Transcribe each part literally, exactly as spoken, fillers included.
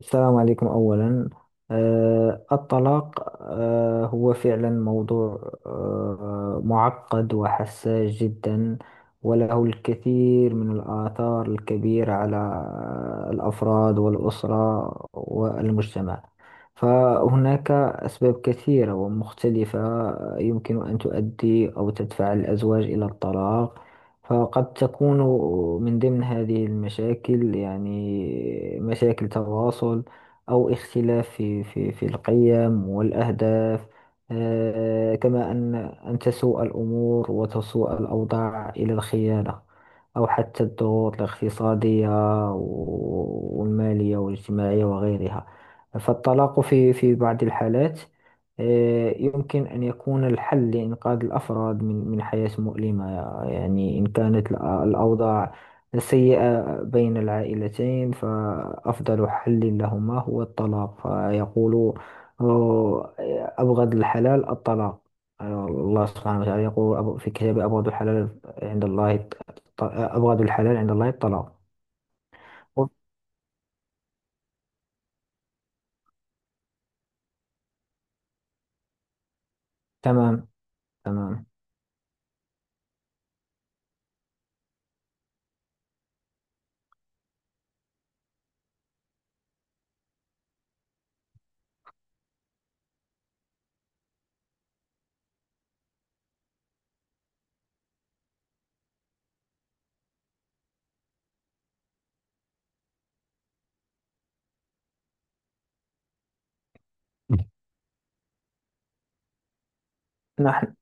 السلام عليكم أولا. آه، الطلاق آه، هو فعلا موضوع آه، معقد وحساس جدا، وله الكثير من الآثار الكبيرة على الأفراد والأسرة والمجتمع. فهناك أسباب كثيرة ومختلفة يمكن أن تؤدي أو تدفع الأزواج إلى الطلاق. فقد تكون من ضمن هذه المشاكل يعني مشاكل تواصل أو اختلاف في في في القيم والأهداف. آه، كما أن أن تسوء الأمور وتسوء الأوضاع إلى الخيانة أو حتى الضغوط الاقتصادية والمالية والاجتماعية وغيرها. فالطلاق في في بعض الحالات آه، يمكن أن يكون الحل لإنقاذ الأفراد من من حياة مؤلمة. يعني إن كانت الأ- الأوضاع سيئة بين العائلتين فأفضل حل لهما هو الطلاق، فيقول آه، أبغض الحلال الطلاق. آه، الله سبحانه وتعالى يقول أب- في كتابه أبغض الحلال عند الله الط- أبغض الحلال عند الله الطلاق. تمام، تمام. نحن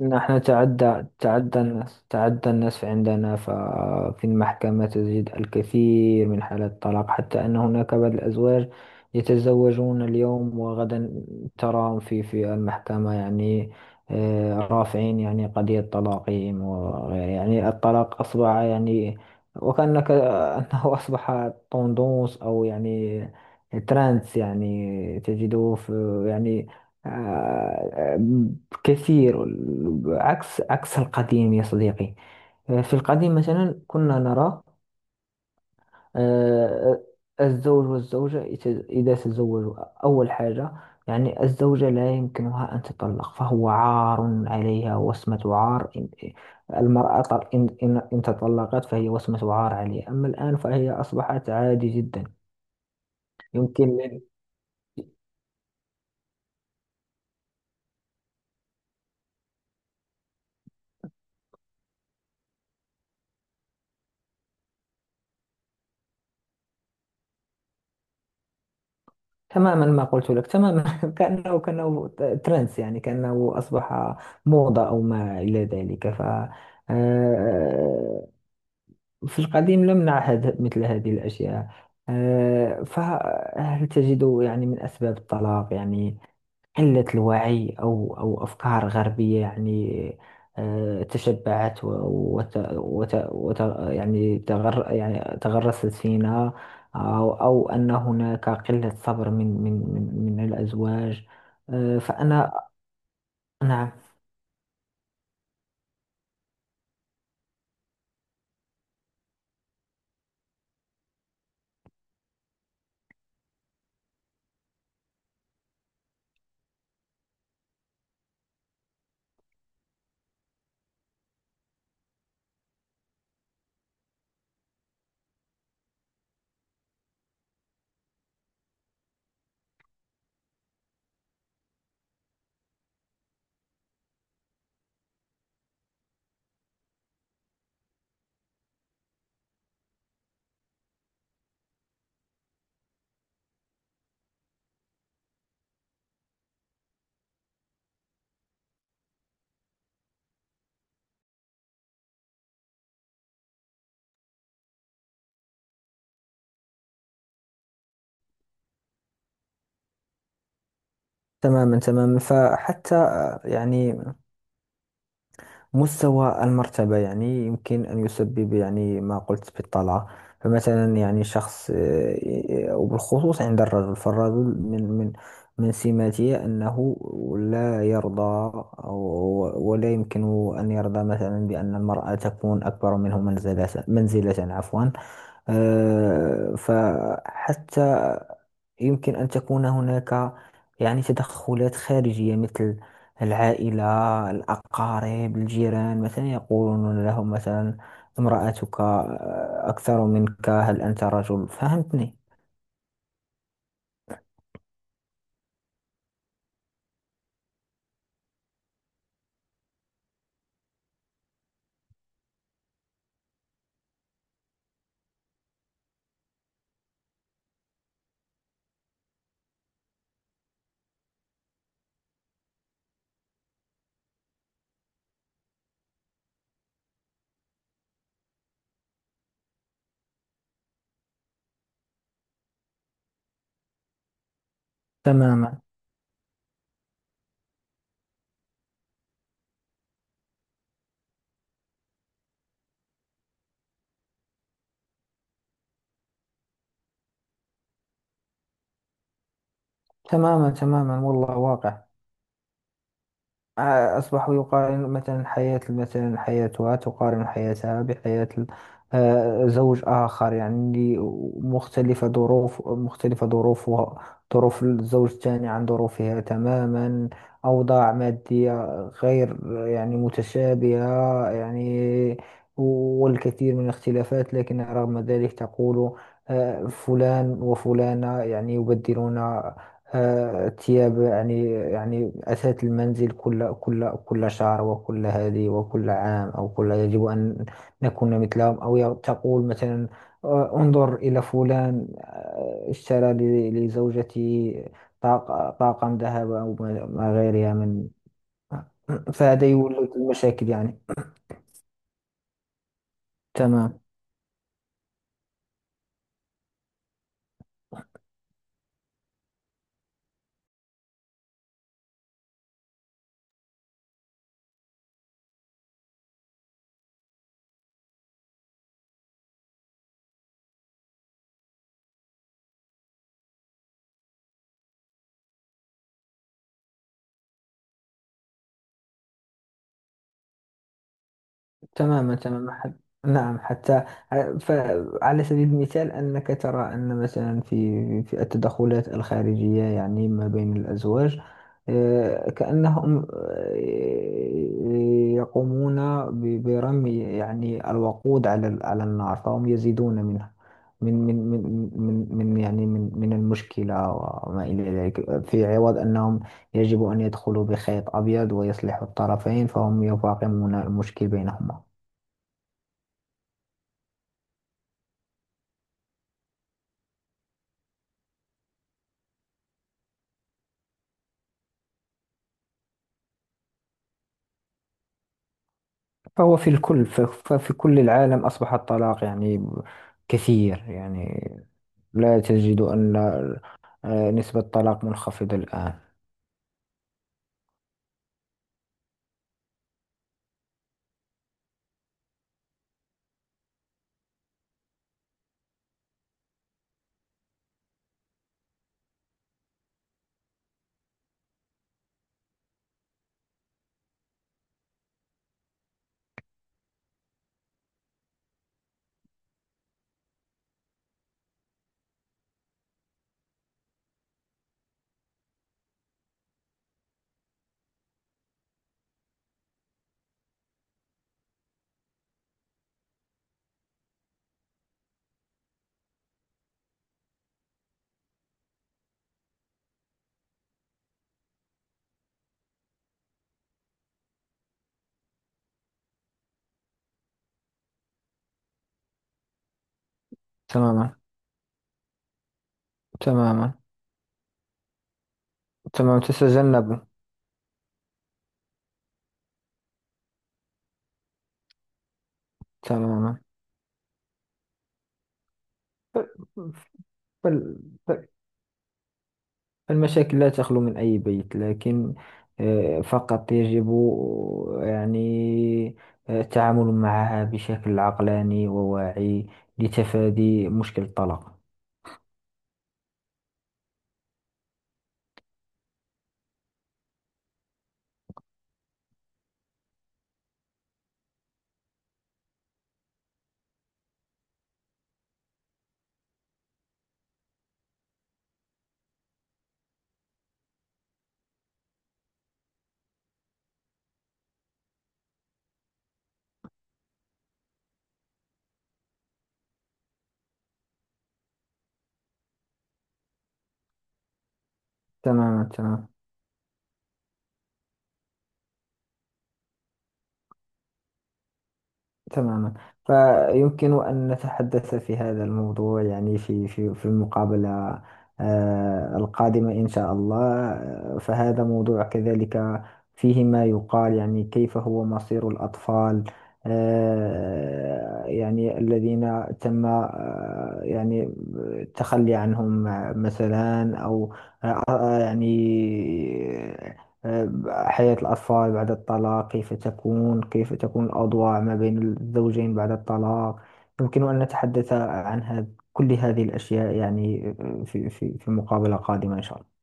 نحن تعدى تعدى الناس تعدى الناس عندنا، ففي المحكمة تجد الكثير من حالات الطلاق، حتى أن هناك بعض الأزواج يتزوجون اليوم وغدا تراهم في في المحكمة. يعني آه، رافعين يعني قضية طلاقهم وغير، يعني الطلاق أصبح يعني وكأنك آه، أنه أصبح طندوس أو يعني ترانس، يعني تجده في يعني آه، كثير. عكس عكس القديم يا صديقي. آه، في القديم مثلا كنا نرى آه، الزوج والزوجة يت- إذا تزوجوا أول حاجة، يعني الزوجة لا يمكنها أن تطلق فهو عار عليها وسمة عار، إن- المرأة ط- إن إن إن تطلقت فهي وسمة عار عليها، أما الآن فهي أصبحت عادي جدا. يمكن. تماما، ما قلت لك تماما. كأنه كأنه ترندس، يعني كأنه أصبح موضة أو ما إلى ذلك. ف آه، في القديم لم نعهد مثل هذه الأشياء. آه، فهل تجد يعني من أسباب الطلاق يعني قلة الوعي أو أو أفكار غربية، يعني آه، تشبعت و- وت وت وت يعني تغر يعني تغرست فينا؟ أو أو أن هناك قلة صبر من من من من الأزواج. آه، فأنا. نعم. تماما، تماما. فحتى آه، يعني مستوى المرتبة يعني يمكن أن يسبب، يعني ما قلت بالطلعة. فمثلا يعني شخص، آه، آه، وبالخصوص عند الرجل، فالرجل من من من سماته أنه لا يرضى أو- ولا يمكن أن يرضى مثلا بأن المرأة تكون أكبر منه منزلة منزلة عفوا. آه، فحتى يمكن أن تكون هناك يعني تدخلات خارجية، مثل العائلة، الأقارب، الجيران، مثلا يقولون لهم مثلا امرأتك آه، أكثر منك، هل أنت رجل؟ فهمتني. تماما تماما تماما والله واقع. ع- أصبحوا يقارن مثلا حياة، مثلا حياتها تقارن حياتها بحياة آه، زوج آخر، يعني لي- مختلفة، ظروف مختلفة، ظروفها ظروف الزوج الثاني عن ظروفها تماما، أوضاع مادية غير يعني متشابهة، يعني والكثير من الاختلافات. لكن رغم ذلك تقول آه، فلان وفلانة يعني يبدلون آه، الثياب، يعني يعني أثاث المنزل كل كل كل شهر، وكل هذه، وكل عام، أو كل، يجب أن نكون مثلهم. أو ي- تقول مثلا آه، انظر إلى فلان آه، اشترى ل- لزوجته طاق- طاقم ذهب أو ما ما غيرها من، فهذا يولد المشاكل يعني. تمام. تماما، تماما. حت... نعم، حتى، ع- فعلى سبيل المثال أنك ترى أن مثلا في في التدخلات الخارجية يعني ما بين الأزواج، آه، كأنهم آه، يقومون ب- برمي يعني الوقود على ال- على النار، فهم يزيدون منها من من من من من يعني من من المشكلة وما إلى ذلك، في عوض أنهم يجب أن يدخلوا بخيط أبيض ويصلحوا الطرفين، فهم يفاقمون المشكل بينهما. فهو في الكل، ف- ففي كل العالم أصبح الطلاق يعني كثير، يعني لا تجد أن آه، نسبة الطلاق منخفضة الآن. تماما. تماما تماما تتجنب. تماما. فال- فال- فالمشاكل لا تخلو من أي بيت، لكن آه، فقط يجب يعني آه، التعامل معها بشكل عقلاني وواعي لتفادي مشكل الطلاق. تماما تماما تماما فيمكن أن نتحدث في هذا الموضوع يعني في في في المقابلة آه، القادمة إن شاء الله. آه، فهذا موضوع كذلك فيه ما يقال، يعني كيف هو مصير الأطفال آه، يعني الذين تم آه، يعني التخلي عنهم مثلا، أو آه، يعني حياة الأطفال بعد الطلاق، كيف تكون، كيف تكون الأوضاع ما بين الزوجين بعد الطلاق. يمكن أن نتحدث عن هذا، كل هذه الأشياء يعني آه، في في في مقابلة قادمة إن شاء الله.